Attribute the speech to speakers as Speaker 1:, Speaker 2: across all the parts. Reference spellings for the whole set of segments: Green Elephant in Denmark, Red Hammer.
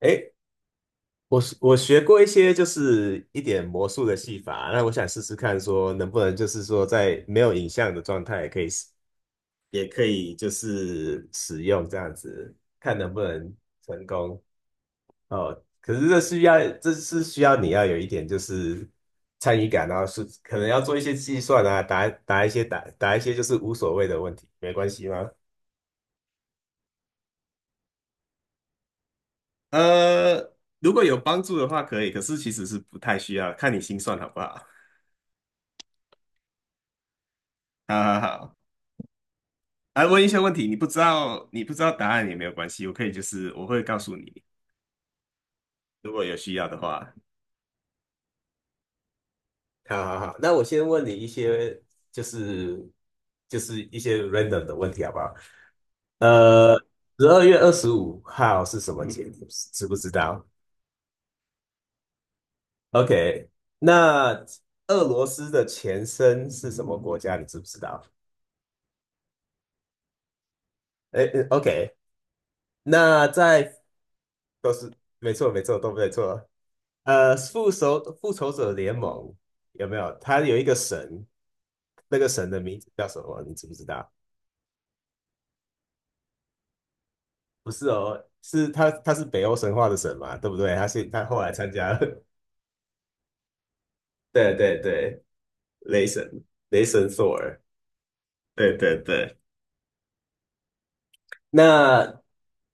Speaker 1: 诶，我学过一些就是一点魔术的戏法，那我想试试看，说能不能就是说在没有影像的状态也可以就是使用这样子，看能不能成功哦。可是这是需要你要有一点就是参与感，然后是可能要做一些计算啊，答一些就是无所谓的问题，没关系吗？呃，如果有帮助的话可以，可是其实是不太需要，看你心算好不好。好好好。来问一些问题，你不知道答案也没有关系，我可以就是我会告诉你，如果有需要的话。好好好，那我先问你一些，就是就是一些 random 的问题，好不好？呃，12月25日是什么节？你知不知道？OK。那俄罗斯的前身是什么国家？你知不知道？哎，OK。那在都是没错，没错，都没错。复仇者联盟有没有？他有一个神，那个神的名字叫什么？你知不知道？不是哦，他是北欧神话的神嘛，对不对？他后来参加了，对对对，雷神，雷神索尔，对对对。那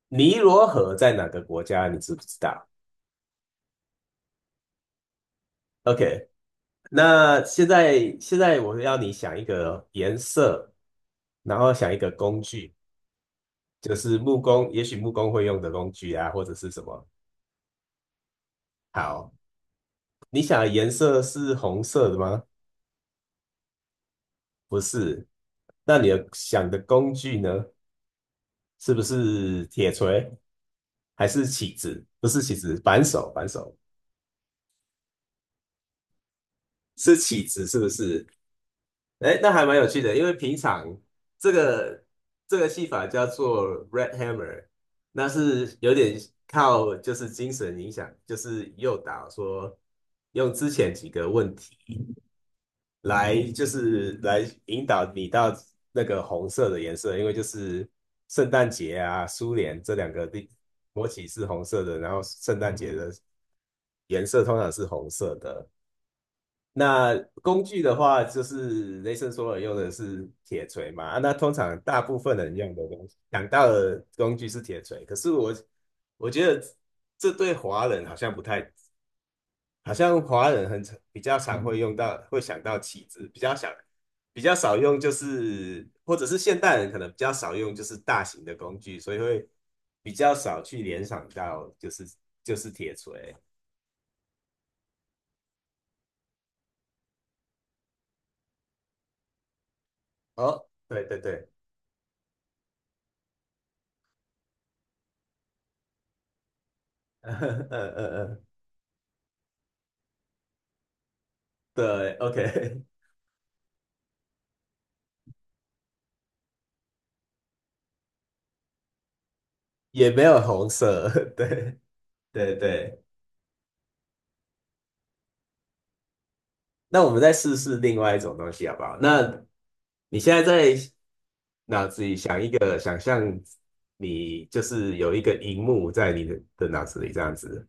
Speaker 1: 尼罗河在哪个国家？你知不知道？OK。那现在我要你想一个颜色，然后想一个工具，就是木工，也许木工会用的工具啊，或者是什么。好，你想的颜色是红色的吗？不是。那你的想的工具呢？是不是铁锤还是起子？不是起子，扳手，扳手是起子，是不是？哎，那还蛮有趣的，因为平常这个这个戏法叫做 Red Hammer，那是有点靠就是精神影响，就是诱导说用之前几个问题。来就是来引导你到那个红色的颜色，因为就是圣诞节啊、苏联这两个国旗是红色的，然后圣诞节的颜色通常是红色的。那工具的话，就是雷神索尔用的是铁锤嘛，啊那通常大部分人用的东西，想到的工具是铁锤，可是我觉得这对华人好像不太好像华人很常比较常会用到，会想到棋子，比较少用，就是或者是现代人可能比较少用，就是大型的工具，所以会比较少去联想到就是铁锤。哦，对对对，嗯嗯嗯，嗯对，OK，也没有红色，对对对。那我们再试试另外一种东西好不好？那你现在在脑子里想一个，想象你就是有一个荧幕在你的脑子里这样子，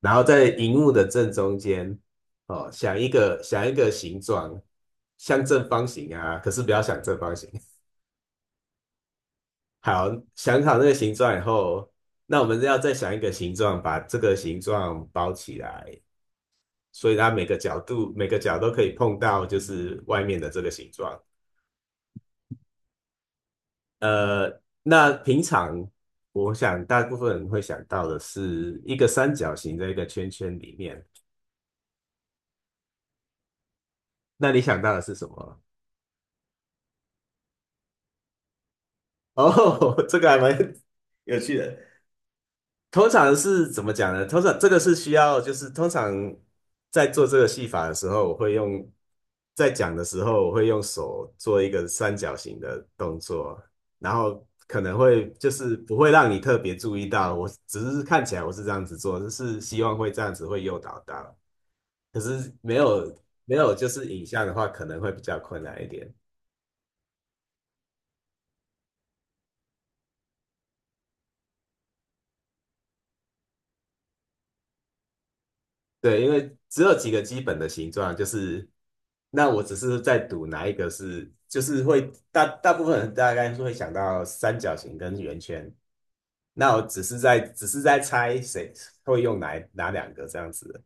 Speaker 1: 然后在荧幕的正中间，哦，想一个形状，像正方形啊，可是不要想正方形。好，想好那个形状以后，那我们要再想一个形状，把这个形状包起来，所以它每个角都可以碰到，就是外面的这个形状。呃，那平常我想大部分人会想到的是一个三角形在一个圈圈里面，那你想到的是什么？哦，这个还蛮有趣的。通常是怎么讲呢？通常这个是需要，就是通常在做这个戏法的时候，我会用在讲的时候，我会用手做一个三角形的动作，然后可能会就是不会让你特别注意到，我只是看起来我是这样子做，就是希望会这样子会诱导到，可是没有就是影像的话，可能会比较困难一点。对，因为只有几个基本的形状，就是那我只是在赌哪一个是，就是会大部分人大概是会想到三角形跟圆圈，那我只是在只是在猜谁会用哪两个这样子。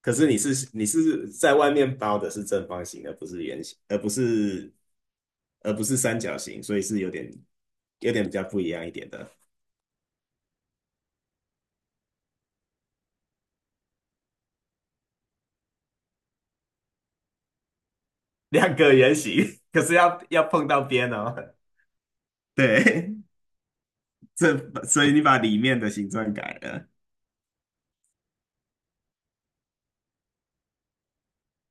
Speaker 1: 可是你是在外面包的是正方形，而不是圆形，而不是三角形，所以是有点比较不一样一点的。两个圆形，可是要碰到边哦。对，所以你把里面的形状改了，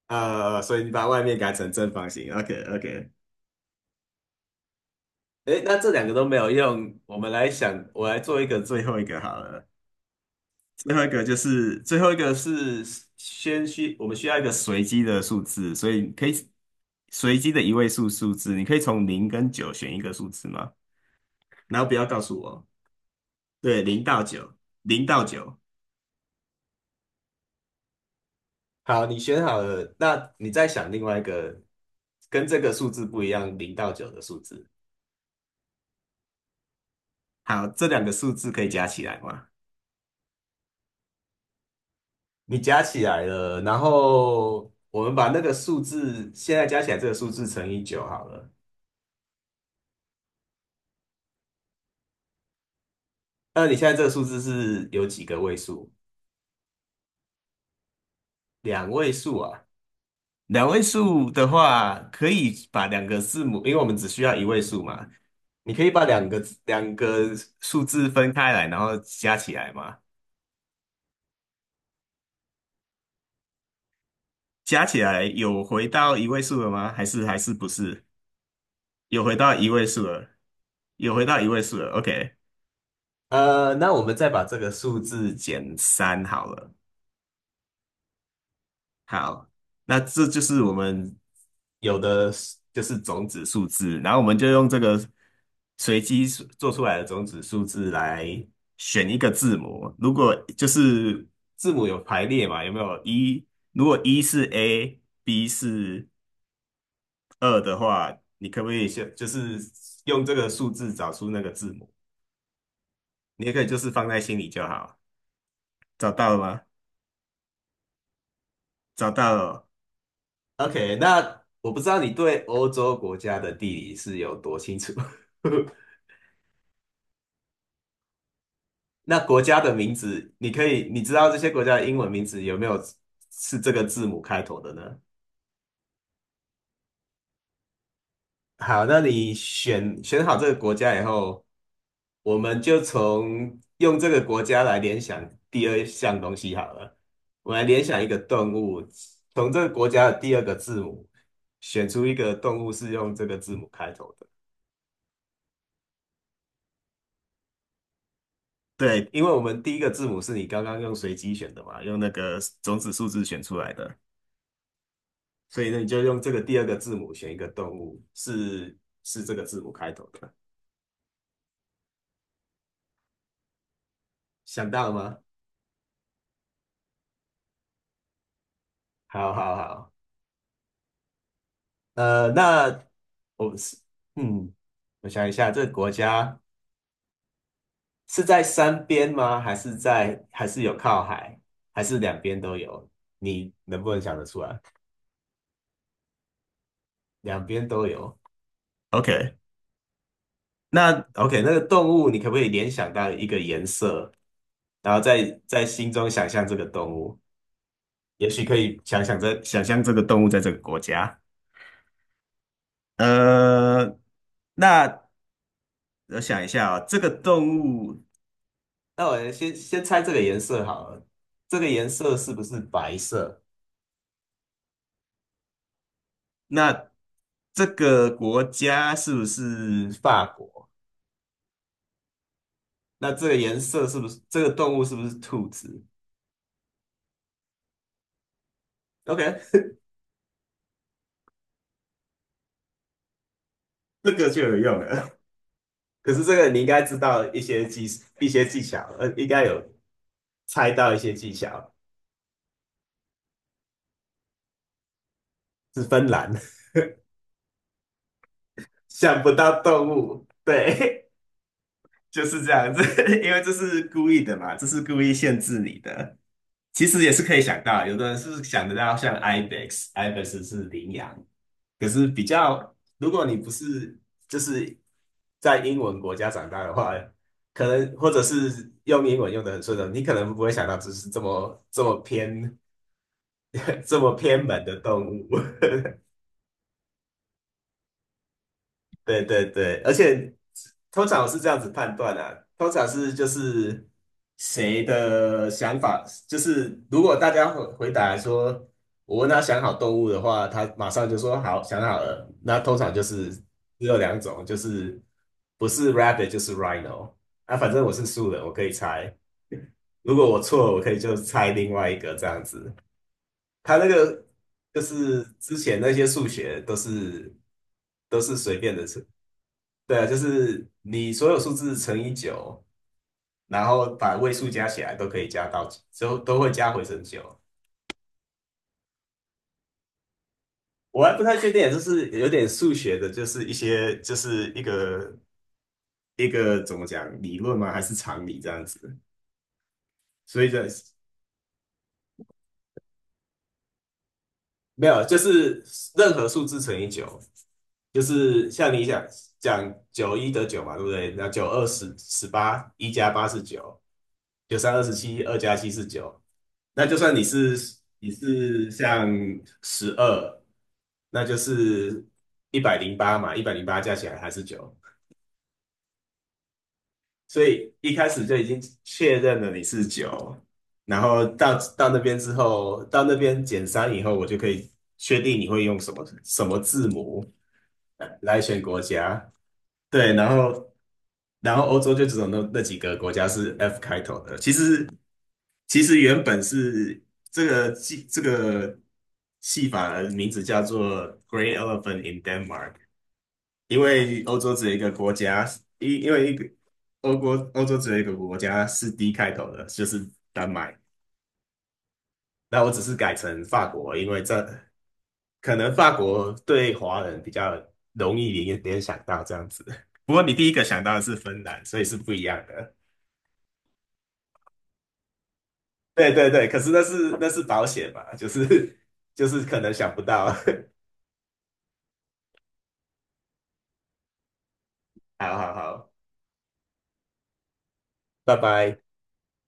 Speaker 1: 所以你把外面改成正方形。OK OK。诶，那这两个都没有用，我来做一个最后一个好了，最后一个是我们需要一个随机的数字，所以你可以随机的一位数数字，你可以从零跟九选一个数字吗？然后不要告诉我，对，零到九，零到九，好，你选好了，那你再想另外一个跟这个数字不一样，零到九的数字。好，这两个数字可以加起来吗？你加起来了，然后我们把那个数字现在加起来这个数字乘以九好了。那你现在这个数字是有几个位数？两位数啊。两位数的话，可以把两个字母，因为我们只需要一位数嘛，你可以把两个数字分开来，然后加起来嘛。加起来有回到一位数了吗？还是不是？有回到一位数了，有回到一位数了。OK。那我们再把这个数字减三好了。好，那这就是我们有的是种子数字，然后我们就用这个随机数做出来的种子数字来选一个字母。如果就是字母有排列嘛，有没有一？如果一是 A，B 是二的话，你可不可以先就是用这个数字找出那个字母？你也可以就是放在心里就好。找到了吗？找到了。OK。那我不知道你对欧洲国家的地理是有多清楚。那国家的名字，你可以，你知道这些国家的英文名字有没有是这个字母开头的呢？好，那你选好这个国家以后，我们就用这个国家来联想第二项东西好了。我们来联想一个动物，从这个国家的第二个字母选出一个动物是用这个字母开头的。对，因为我们第一个字母是你刚刚用随机选的嘛，用那个种子数字选出来的，所以呢，你就用这个第二个字母选一个动物，是这个字母开头的，想到了吗？好好好。那我们是，嗯，我想一下，这个国家是在山边吗？还是有靠海，还是两边都有？你能不能想得出来？两边都有。o k OK。那个动物你可不可以联想到一个颜色，然后在心中想象这个动物？也许可以想象这个动物在这个国家。呃，那我想一下啊、哦这个动物，那我先猜这个颜色好了。这个颜色是不是白色？那这个国家是不是法国？那这个颜色是不是这个动物是不是兔子？OK，这个就有用了。可是这个你应该知道一些技巧，应该有猜到一些技巧，是芬兰，想不到动物，对。就是这样子，因为这是故意的嘛，这是故意限制你的。其实也是可以想到，有的人是想得到像 ibex，ibex 是羚羊，可是比较，如果你不是就是在英文国家长大的话，可能或者是用英文用的很顺的，你可能不会想到这是这么这么偏 这么偏门的动物。对对对，而且通常我是这样子判断啊，通常是就是谁的想法，就是如果大家回答说，我问他想好动物的话，他马上就说好，想好了。那通常就是只有两种，就是不是 rabbit 就是 rhino。那反正我是素人，我可以猜。如果我错了，我可以就猜另外一个这样子。他那个就是之前那些数学都是随便的，对啊，就是你所有数字乘以九，然后把位数加起来都可以加到，之后都会加回成九。我还不太确定，就是有点数学的，就是一些就是一个怎么讲理论吗？还是常理这样子？所以这没有，就是任何数字乘以九，就是像你想讲九一得九嘛，对不对？那九二十八，一加八是九，九三二十七，二加七是九。那就算你是像十二，那就是一百零八嘛，一百零八加起来还是九。所以一开始就已经确认了你是九，然后到那边之后，到那边减三以后，我就可以确定你会用什么什么字母来选国家。对，然后欧洲就只有那几个国家是 F 开头的。其实原本是这个戏法的名字叫做《g r e e n Elephant in Denmark》，因为欧洲只有一个国家，因为一个欧国欧洲只有一个国家是 D 开头的，就是丹麦。那我只是改成法国，因为可能法国对华人比较容易联想到这样子。不过你第一个想到的是芬兰，所以是不一样的。对对对，可是那是保险嘛，就是 就是可能想不到。好好好，拜拜。